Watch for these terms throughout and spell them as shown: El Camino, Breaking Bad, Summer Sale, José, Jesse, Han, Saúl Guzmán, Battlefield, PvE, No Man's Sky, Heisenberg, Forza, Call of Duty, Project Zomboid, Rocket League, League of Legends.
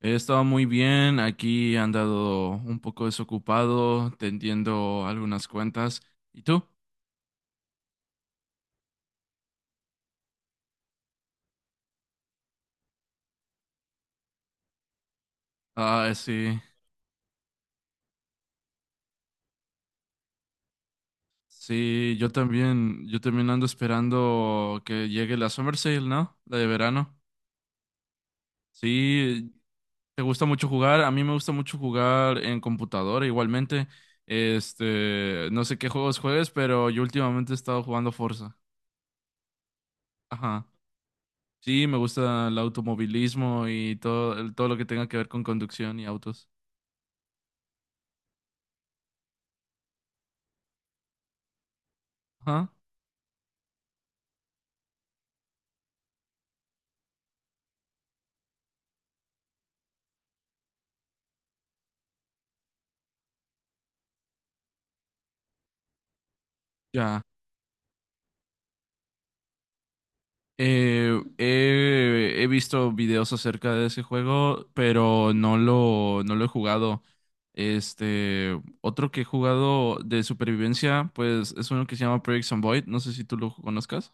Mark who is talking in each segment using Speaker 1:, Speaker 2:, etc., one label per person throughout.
Speaker 1: He estado muy bien, aquí he andado un poco desocupado, tendiendo algunas cuentas. ¿Y tú? Ah, sí, sí, yo también ando esperando que llegue la Summer Sale, ¿no? La de verano. Sí, ¿te gusta mucho jugar? A mí me gusta mucho jugar en computadora igualmente. No sé qué juegos juegues, pero yo últimamente he estado jugando Forza. Ajá. Sí, me gusta el automovilismo y todo, todo lo que tenga que ver con conducción y autos. Ajá. Ya, he visto videos acerca de ese juego, pero no lo he jugado. Otro que he jugado de supervivencia, pues es uno que se llama Project Zomboid, no sé si tú lo conozcas.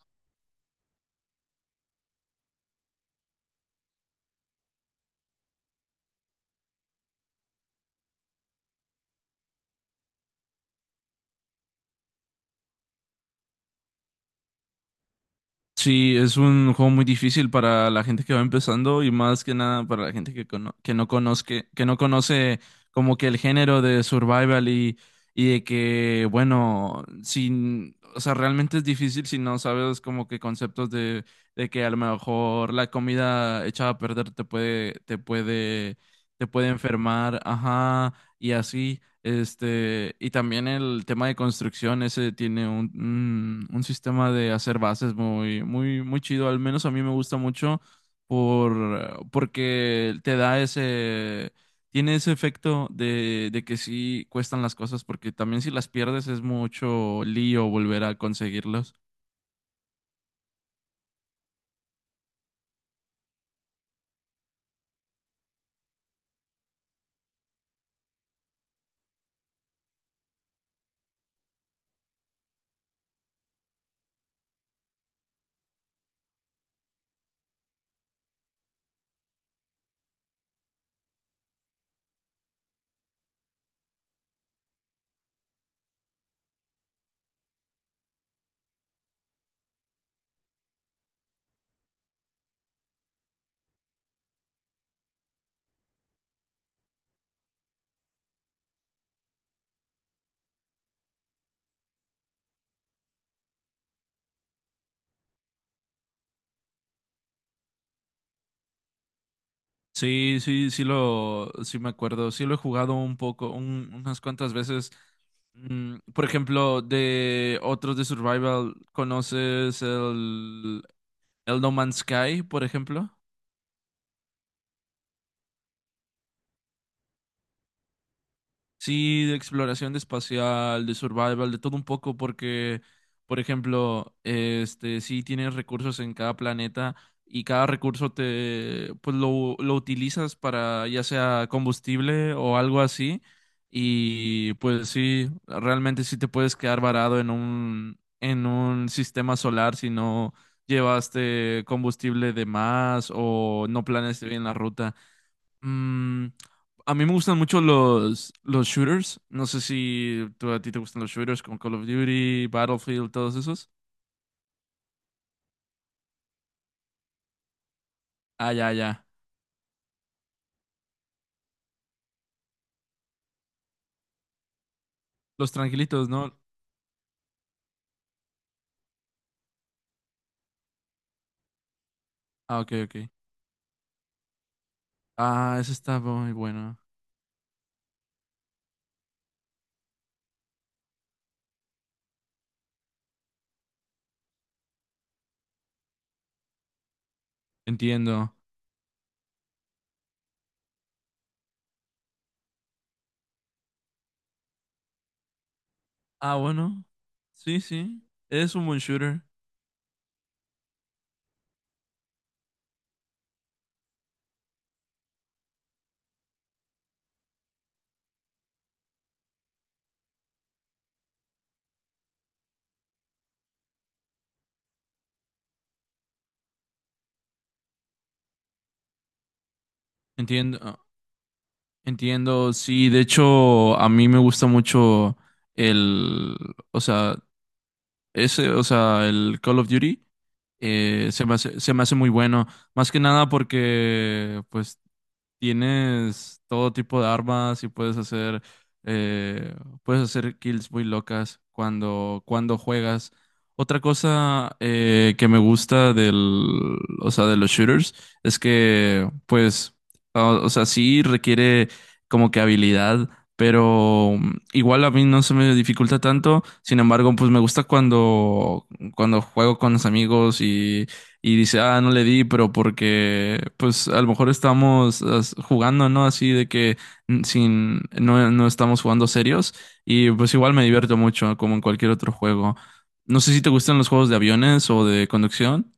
Speaker 1: Sí, es un juego muy difícil para la gente que va empezando y más que nada para la gente que no conozca, que no conoce como que el género de survival y de que, bueno, sin, o sea, realmente es difícil si no sabes como que conceptos de que a lo mejor la comida echada a perder te puede enfermar, ajá, y así. Y también el tema de construcción, ese tiene un sistema de hacer bases muy chido. Al menos a mí me gusta mucho porque te da ese, tiene ese efecto de que sí cuestan las cosas, porque también si las pierdes es mucho lío volver a conseguirlas. Sí me acuerdo, sí lo he jugado un poco, unas cuantas veces. Por ejemplo, de otros de Survival, ¿conoces el No Man's Sky, por ejemplo? Sí, de exploración de espacial, de survival, de todo un poco, porque, por ejemplo, sí tienes recursos en cada planeta y cada recurso te, pues lo utilizas para ya sea combustible o algo así. Y pues sí, realmente sí te puedes quedar varado en un sistema solar si no llevaste combustible de más o no planeaste bien la ruta. Mm, a mí me gustan mucho los shooters. No sé si tú, a ti te gustan los shooters como Call of Duty, Battlefield, todos esos. Ah, ya, ya. Los tranquilitos, ¿no? Ah, ok, ok. Ah, ese está muy bueno. Entiendo. Ah, bueno. Sí, sí. Es un buen shooter. Entiendo. Entiendo. Sí, de hecho, a mí me gusta mucho el, o sea, ese, o sea, el Call of Duty, se me hace muy bueno. Más que nada porque, pues, tienes todo tipo de armas y puedes hacer, eh, puedes hacer kills muy locas cuando cuando juegas. Otra cosa, que me gusta del, o sea, de los shooters es que, pues, o sea, sí requiere como que habilidad, pero igual a mí no se me dificulta tanto. Sin embargo, pues me gusta cuando cuando juego con los amigos y dice, ah, no le di, pero porque, pues, a lo mejor estamos jugando, ¿no? Así de que mm, sin, no, no estamos jugando serios y pues igual me divierto mucho, como en cualquier otro juego. No sé si te gustan los juegos de aviones o de conducción.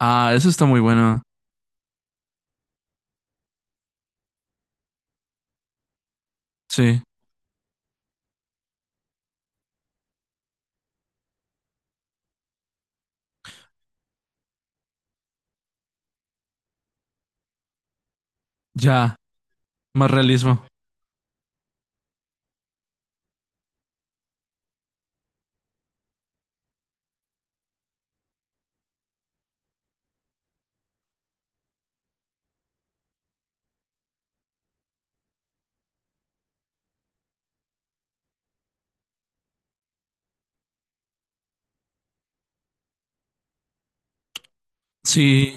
Speaker 1: Ah, eso está muy bueno. Sí, ya, más realismo. Sí.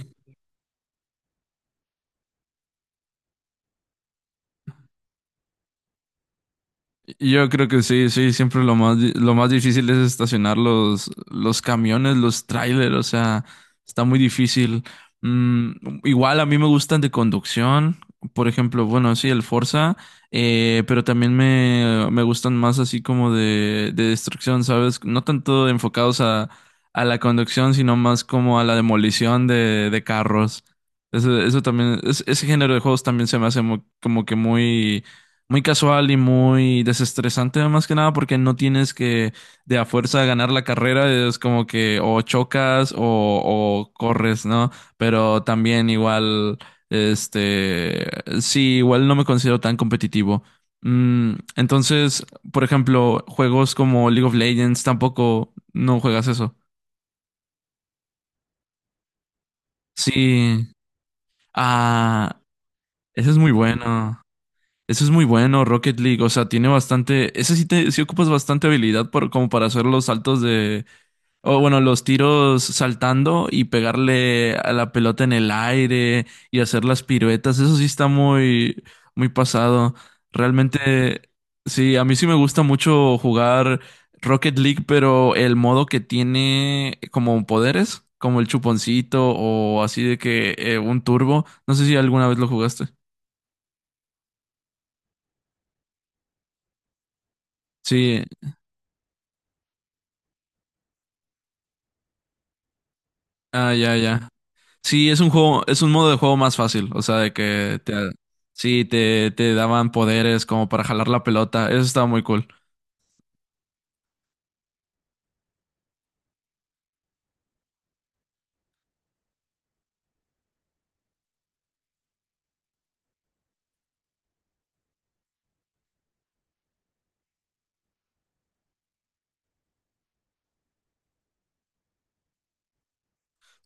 Speaker 1: Yo creo que sí, sí, siempre lo más, lo más difícil es estacionar los camiones, los trailers, o sea, está muy difícil. Igual a mí me gustan de conducción, por ejemplo, bueno, sí, el Forza, pero también me gustan más así como de destrucción, ¿sabes? No tanto enfocados a la conducción, sino más como a la demolición de carros. Eso también, ese género de juegos también se me hace como que muy muy casual y muy desestresante, más que nada, porque no tienes que de a fuerza ganar la carrera, es como que o chocas o corres, ¿no? Pero también igual, este, sí, igual no me considero tan competitivo. Entonces, por ejemplo, juegos como League of Legends tampoco no juegas eso. Sí. Ah, ese es muy bueno. Eso es muy bueno, Rocket League. O sea, tiene bastante. Ese sí te sí ocupas bastante habilidad por, como para hacer los saltos de. O bueno, los tiros saltando y pegarle a la pelota en el aire y hacer las piruetas. Eso sí está muy, muy pasado. Realmente, sí, a mí sí me gusta mucho jugar Rocket League, pero el modo que tiene como poderes, como el chuponcito o así de que, un turbo. No sé si alguna vez lo jugaste. Sí, ah, ya, ya. Sí, es un juego, es un modo de juego más fácil, o sea, de que te, sí, te daban poderes como para jalar la pelota, eso estaba muy cool.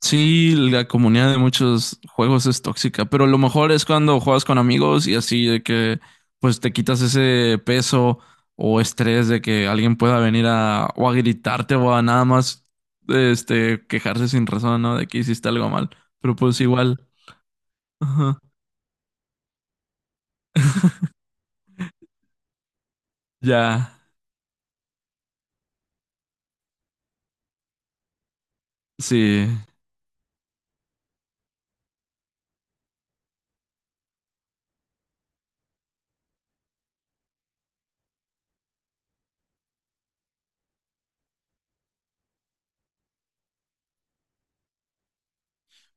Speaker 1: Sí, la comunidad de muchos juegos es tóxica, pero lo mejor es cuando juegas con amigos y así de que pues te quitas ese peso o estrés de que alguien pueda venir a o a gritarte o a nada más quejarse sin razón, ¿no? De que hiciste algo mal. Pero pues igual, ajá, ya, sí,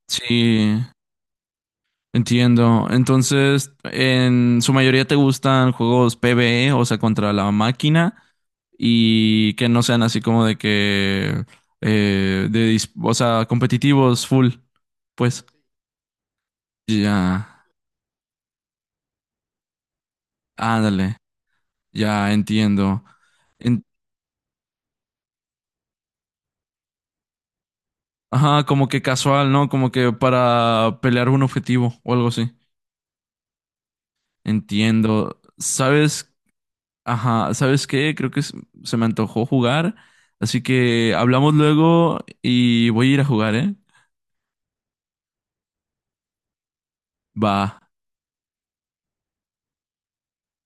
Speaker 1: sí. Entiendo. Entonces, en su mayoría te gustan juegos PvE, o sea, contra la máquina, y que no sean así como de que, o sea, competitivos full. Pues, ya, ándale, ya entiendo. En- Ajá, como que casual, ¿no? Como que para pelear un objetivo o algo así. Entiendo. ¿Sabes? Ajá, ¿sabes qué? Creo que se me antojó jugar, así que hablamos luego y voy a ir a jugar, ¿eh? Va.